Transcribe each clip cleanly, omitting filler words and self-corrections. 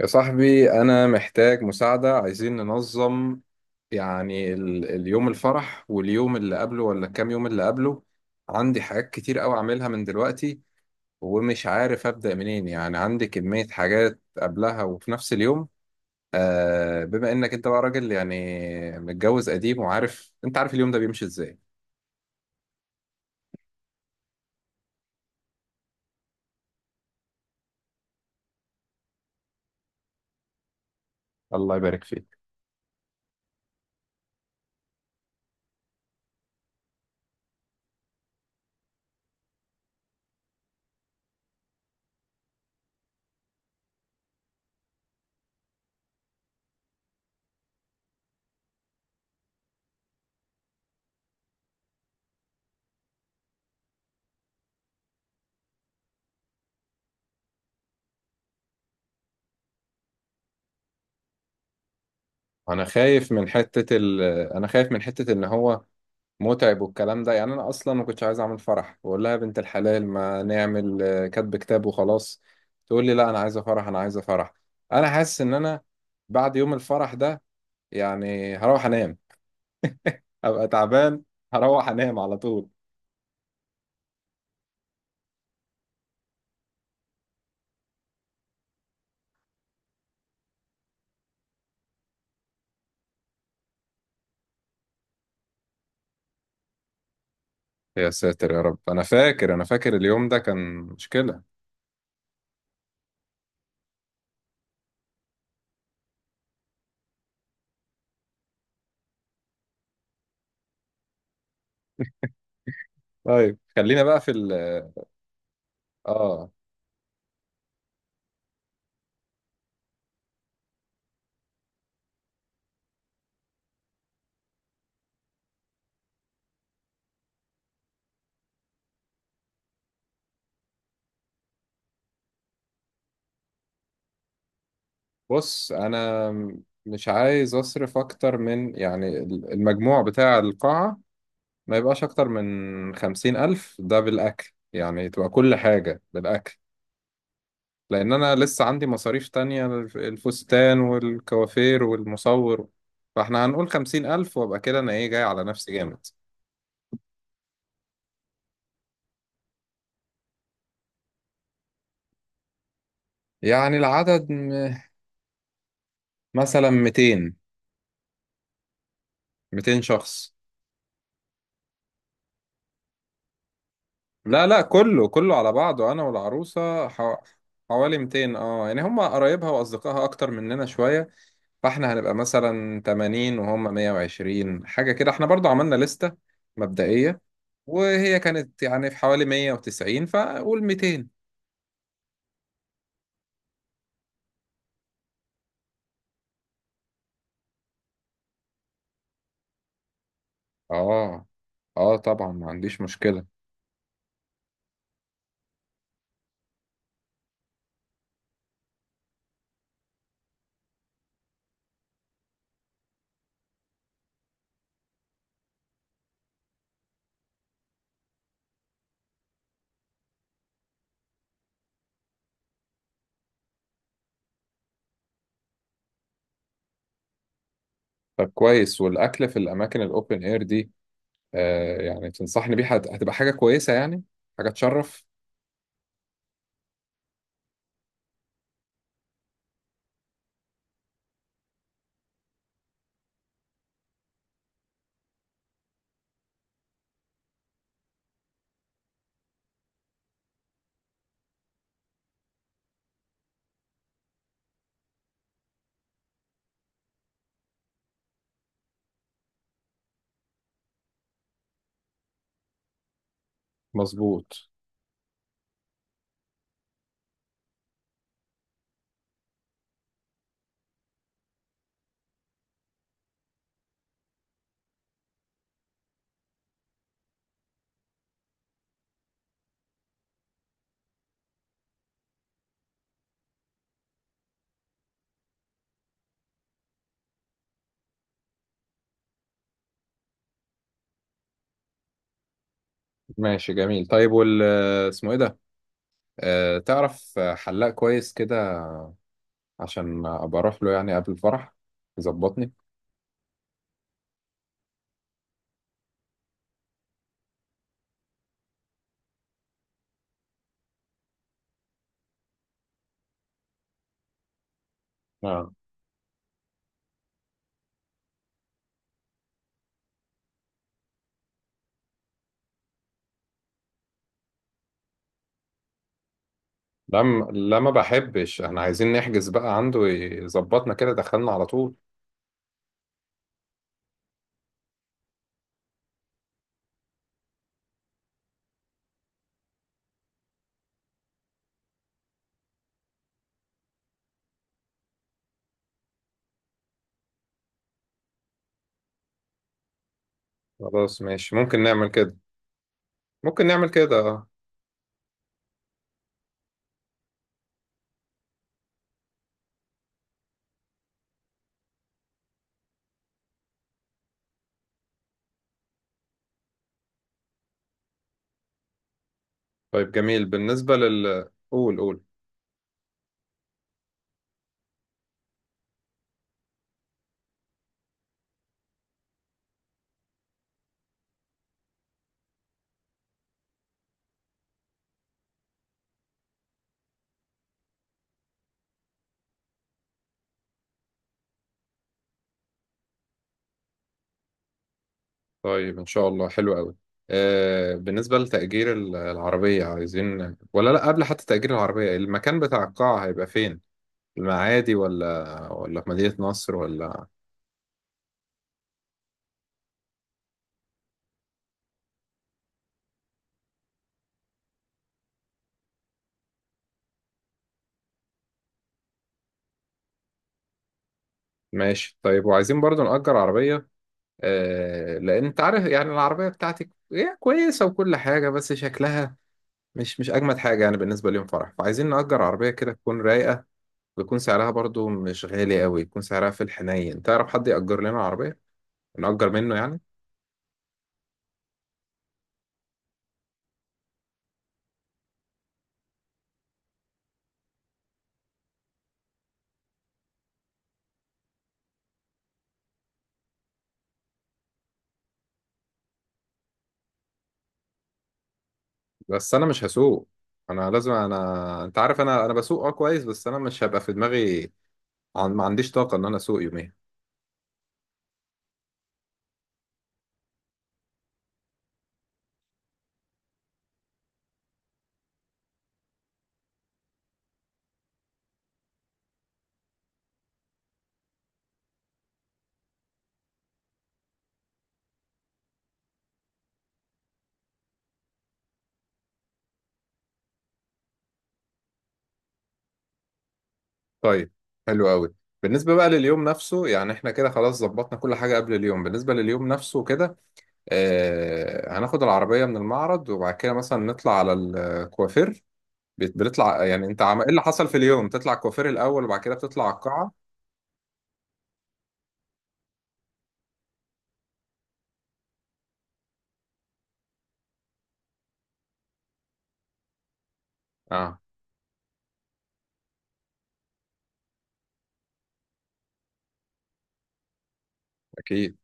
يا صاحبي أنا محتاج مساعدة. عايزين ننظم، يعني اليوم الفرح واليوم اللي قبله ولا كام يوم اللي قبله. عندي حاجات كتير أوي أعملها من دلوقتي، ومش عارف أبدأ منين. يعني عندي كمية حاجات قبلها وفي نفس اليوم. آه، بما إنك أنت بقى راجل، يعني متجوز قديم وعارف، أنت عارف اليوم ده بيمشي إزاي. الله يبارك فيك. أنا خايف من حتة أنا خايف من حتة إن هو متعب والكلام ده. يعني انا اصلا ما كنتش عايز اعمل فرح، بقول لها يا بنت الحلال ما نعمل كاتب كتاب وخلاص. تقول لي لا، انا عايزه فرح، انا عايزه فرح. انا حاسس ان انا بعد يوم الفرح ده يعني هروح انام، ابقى تعبان، هروح انام على طول. يا ساتر يا رب، انا فاكر، انا فاكر اليوم ده كان مشكلة. طيب خلينا بقى في ال اه بص، انا مش عايز اصرف اكتر من، يعني المجموع بتاع القاعة ما يبقاش أكتر من خمسين ألف، ده بالأكل يعني، تبقى كل حاجة بالأكل. لأن أنا لسه عندي مصاريف تانية، الفستان والكوافير والمصور. فإحنا هنقول خمسين ألف، وأبقى كده أنا إيه جاي على نفسي جامد. يعني العدد مثلا ميتين، ميتين شخص. لا لا، كله على بعضه، أنا والعروسة حوالي ميتين. اه يعني هما قرايبها وأصدقائها أكتر مننا شوية، فاحنا هنبقى مثلا 80 وهم 120، حاجة كده. احنا برضو عملنا لستة مبدئية، وهي كانت يعني في حوالي 190، فقول 200. اه اه، طبعا ما عنديش مشكلة. طب كويس. والأكل في الأماكن الأوبن إير دي، آه يعني تنصحني بيها؟ هتبقى حاجة كويسة يعني، حاجة تشرف. مظبوط. ماشي جميل. طيب وال اسمه إيه ده، آه، تعرف حلاق كويس كده عشان أبقى أروح له يعني قبل الفرح يظبطني. لا لا، ما بحبش. احنا عايزين نحجز بقى عنده يظبطنا، كده دخلنا على طول. خلاص ماشي، ممكن نعمل كده. ممكن نعمل كده، اه. طيب جميل. بالنسبة لل قول. طيب ان شاء الله. حلو قوي. آه بالنسبة لتأجير العربية، عايزين ولا لا؟ قبل حتى تأجير العربية، المكان بتاع القاعة هيبقى فين؟ المعادي ولا في مدينة نصر ولا؟ ماشي طيب. وعايزين برضو نأجر عربية، آه، لأن انت عارف يعني العربية بتاعتك هي كويسة وكل حاجة، بس شكلها مش اجمد حاجه يعني بالنسبه ليوم فرح، فعايزين نأجر عربيه كده تكون رايقه، ويكون سعرها برضو مش غالي قوي، يكون سعرها في الحنين. تعرف حد يأجر لنا عربيه نأجر منه يعني؟ بس انا مش هسوق. انا لازم، انا انت عارف، انا بسوق اه كويس، بس انا مش هبقى في دماغي. ما عنديش طاقه ان انا اسوق يومين. طيب حلو قوي. بالنسبه بقى لليوم نفسه، يعني احنا كده خلاص ظبطنا كل حاجه قبل اليوم. بالنسبه لليوم نفسه كده، هناخد العربيه من المعرض، وبعد كده مثلا نطلع على الكوافير. بتطلع يعني، انت ايه اللي حصل في اليوم؟ تطلع الكوافير الاول وبعد كده بتطلع على القاعه؟ اه اكيد.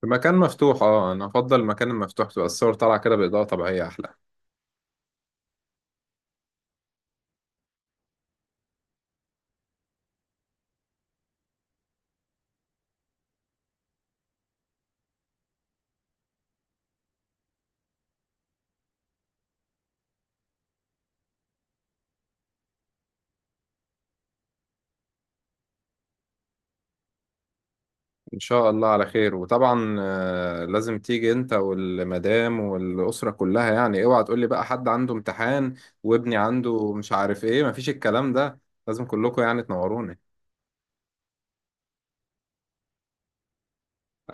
في مكان مفتوح، اه انا افضل المكان المفتوح، تبقى الصور طالعه كده باضاءه طبيعيه احلى. ان شاء الله على خير. وطبعا لازم تيجي انت والمدام والاسره كلها. يعني اوعى تقول لي بقى حد عنده امتحان وابني عنده مش عارف ايه، مفيش الكلام ده. لازم كلكم يعني تنوروني.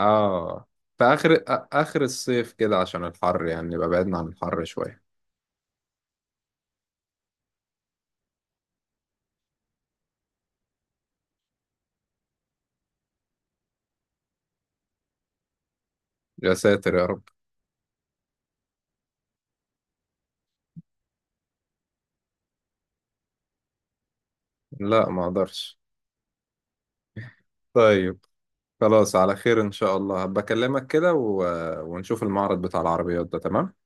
اه، في اخر اخر الصيف كده، عشان الحر يعني نبقى بعدنا عن الحر شويه. يا ساتر يا رب. لا ما اقدرش. طيب خلاص، على خير إن شاء الله. بكلمك كده و... ونشوف المعرض بتاع العربيات ده. تمام.